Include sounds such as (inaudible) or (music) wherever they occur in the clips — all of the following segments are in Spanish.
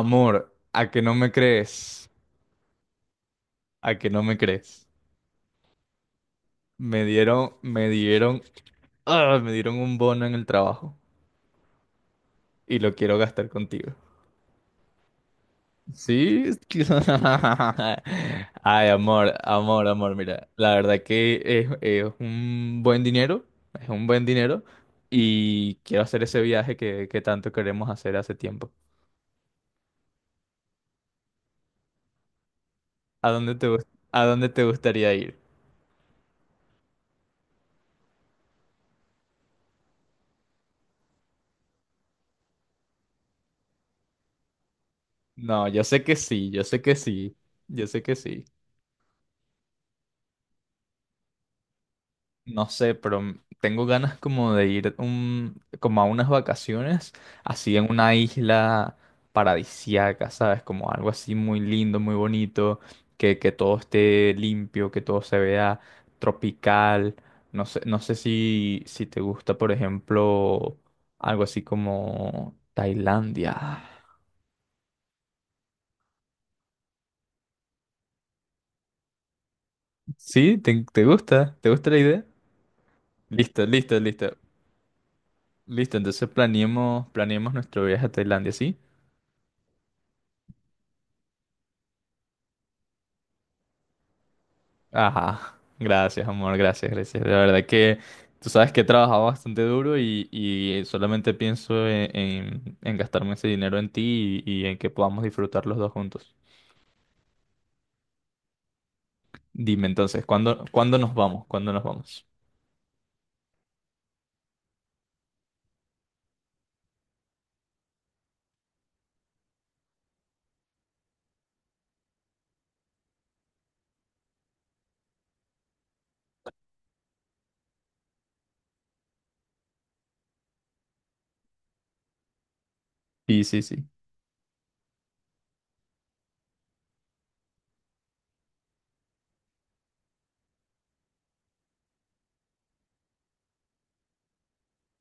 Amor, a que no me crees, a que no me crees. Me dieron, me dieron, Me dieron un bono en el trabajo y lo quiero gastar contigo. Sí. (laughs) Ay, amor, amor, amor, mira, la verdad que es un buen dinero, es un buen dinero y quiero hacer ese viaje que tanto queremos hacer hace tiempo. ¿A dónde te, gust- a dónde te gustaría ir? No, yo sé que sí, yo sé que sí, yo sé que sí. No sé, pero tengo ganas como de como a unas vacaciones, así en una isla paradisíaca, ¿sabes? Como algo así muy lindo, muy bonito, que todo esté limpio, que todo se vea tropical. No sé, no sé si te gusta, por ejemplo, algo así como Tailandia. ¿Sí? ¿Te gusta? ¿Te gusta la idea? Listo, listo, listo. Listo, entonces planeemos, planeemos nuestro viaje a Tailandia, ¿sí? Ajá, gracias, amor, gracias, gracias. La verdad que tú sabes que he trabajado bastante duro y solamente pienso en gastarme ese dinero en ti y en que podamos disfrutar los dos juntos. Dime entonces, ¿cuándo, cuándo nos vamos? ¿Cuándo nos vamos? Sí, sí, sí.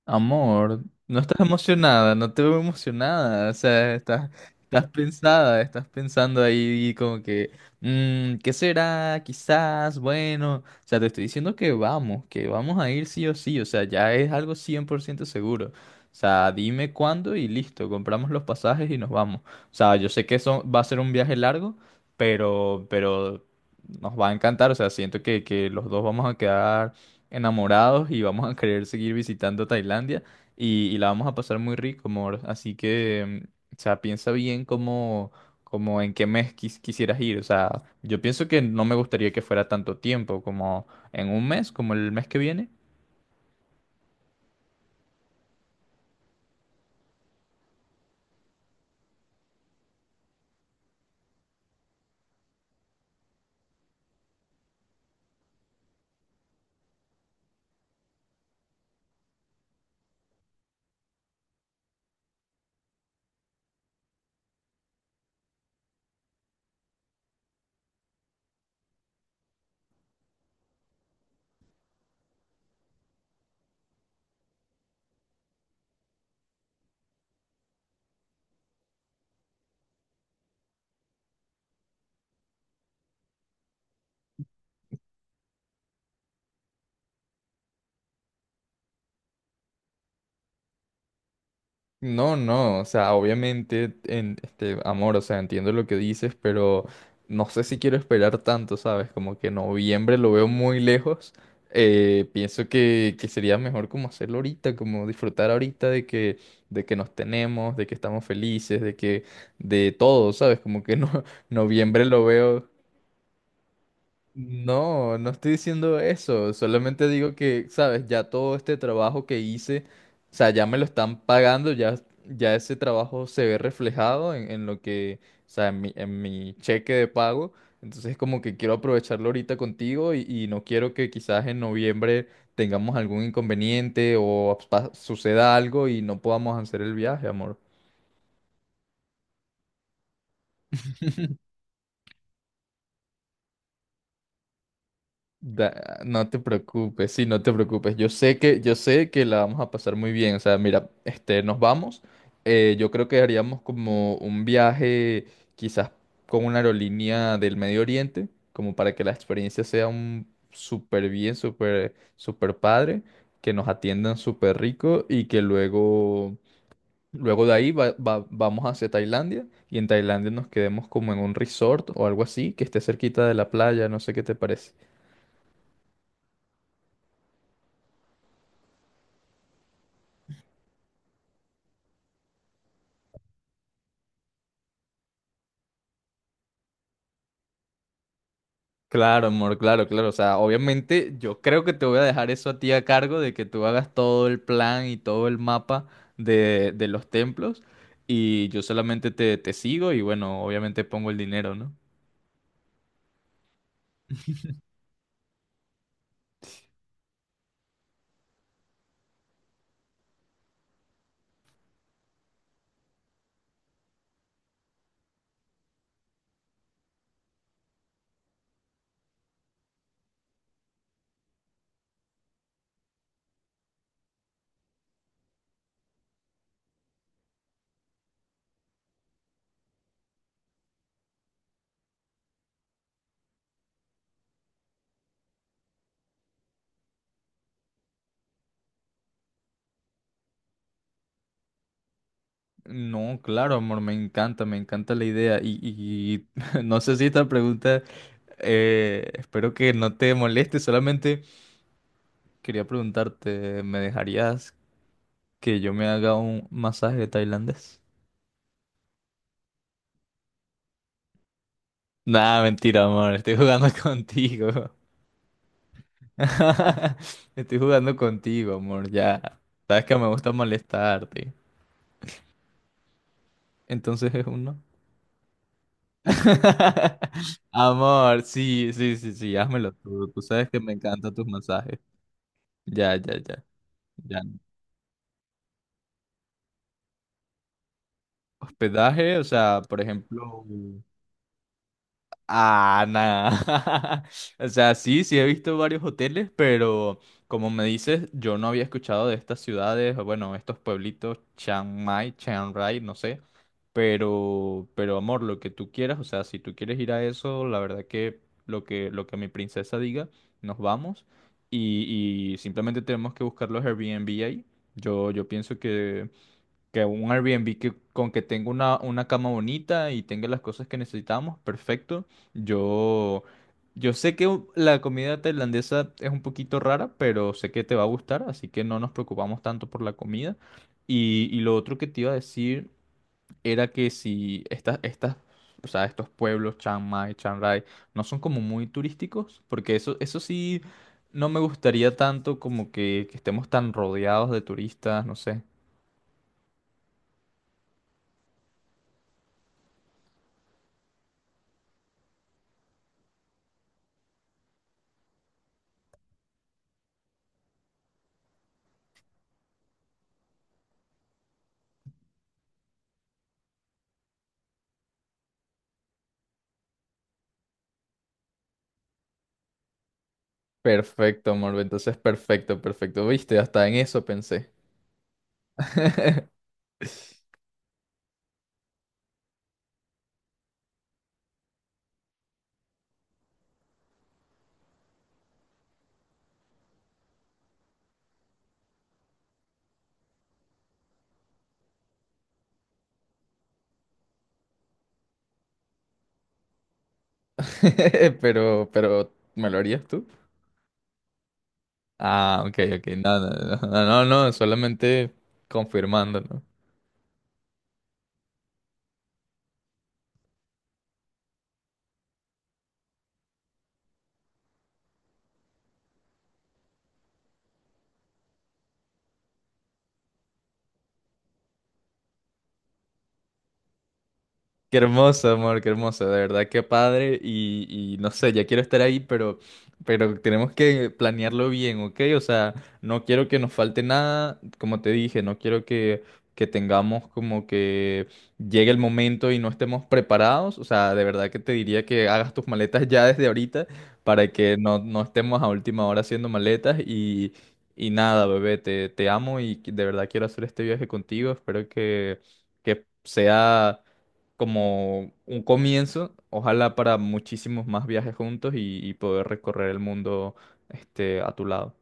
Amor, no estás emocionada, no te veo emocionada, o sea, estás, estás pensada, estás pensando ahí como que, ¿qué será? Quizás, bueno, o sea, te estoy diciendo que vamos a ir sí o sí, o sea, ya es algo 100% seguro. O sea, dime cuándo y listo, compramos los pasajes y nos vamos. O sea, yo sé que eso va a ser un viaje largo, pero nos va a encantar, o sea, siento que los dos vamos a quedar enamorados y vamos a querer seguir visitando Tailandia y la vamos a pasar muy rico, amor. Así que, o sea, piensa bien cómo, cómo en qué mes quisieras ir. O sea, yo pienso que no me gustaría que fuera tanto tiempo, como en un mes, como el mes que viene. No, no, o sea, obviamente, amor, o sea, entiendo lo que dices, pero no sé si quiero esperar tanto, ¿sabes? Como que noviembre lo veo muy lejos. Pienso que sería mejor como hacerlo ahorita, como disfrutar ahorita de que nos tenemos, de que estamos felices, de que, de todo, ¿sabes? Como que no, (laughs) noviembre lo veo. No, no estoy diciendo eso, solamente digo que, sabes, ya todo este trabajo que hice, o sea, ya me lo están pagando, ya, ya ese trabajo se ve reflejado en lo que, o sea, en mi cheque de pago, entonces como que quiero aprovecharlo ahorita contigo y no quiero que quizás en noviembre tengamos algún inconveniente o suceda algo y no podamos hacer el viaje, amor. (laughs) No te preocupes, sí, no te preocupes. Yo sé que la vamos a pasar muy bien. O sea, mira, este, nos vamos. Yo creo que haríamos como un viaje, quizás con una aerolínea del Medio Oriente, como para que la experiencia sea un súper bien, súper, súper padre, que nos atiendan súper rico y que luego, luego de ahí vamos hacia Tailandia y en Tailandia nos quedemos como en un resort o algo así, que esté cerquita de la playa, no sé qué te parece. Claro, amor, claro, claro. O sea, obviamente yo creo que te voy a dejar eso a ti a cargo de que tú hagas todo el plan y todo el mapa de los templos y yo solamente te sigo y bueno, obviamente pongo el dinero, ¿no? No, claro, amor, me encanta la idea (laughs) no sé si esta pregunta, espero que no te moleste, solamente quería preguntarte, ¿me dejarías que yo me haga un masaje tailandés? Nada, mentira, amor, estoy jugando (laughs) contigo. (laughs) Estoy jugando contigo, amor, ya. Sabes que me gusta molestarte. Entonces es uno. (laughs) Amor, sí, sí, sí, sí, házmelo tú. Tú sabes que me encantan tus masajes. Ya, ya, ya. Ya. Hospedaje, o sea, por ejemplo. Ah, nada. (laughs) O sea, sí, sí he visto varios hoteles, pero como me dices, yo no había escuchado de estas ciudades, o bueno, estos pueblitos, Chiang Mai, Chiang Rai, no sé. Pero amor, lo que tú quieras, o sea, si tú quieres ir a eso, la verdad que lo que mi princesa diga, nos vamos. Y simplemente tenemos que buscar los Airbnb ahí. Yo pienso que un Airbnb que con que tenga una cama bonita y tenga las cosas que necesitamos, perfecto. Yo, yo sé que la comida tailandesa es un poquito rara, pero sé que te va a gustar, así que no nos preocupamos tanto por la comida. Y lo otro que te iba a decir era que si o sea, estos pueblos, Chiang Mai, Chiang Rai, no son como muy turísticos, porque eso sí, no me gustaría tanto como que estemos tan rodeados de turistas, no sé. Perfecto, amor. Entonces, perfecto, perfecto. Viste, hasta en eso pensé. (laughs) (laughs) Pero, ¿me lo harías tú? Ah, ok, ok. No, no, no, no, no, no, solamente confirmando, ¿no? Qué hermoso, amor, qué hermoso, de verdad, qué padre. Y no sé, ya quiero estar ahí, pero tenemos que planearlo bien, ¿ok? O sea, no quiero que nos falte nada, como te dije, no quiero que tengamos como que llegue el momento y no estemos preparados. O sea, de verdad que te diría que hagas tus maletas ya desde ahorita para que no, no estemos a última hora haciendo maletas. Y nada, bebé, te amo y de verdad quiero hacer este viaje contigo. Espero que sea como un comienzo, ojalá para muchísimos más viajes juntos y poder recorrer el mundo este, a tu lado.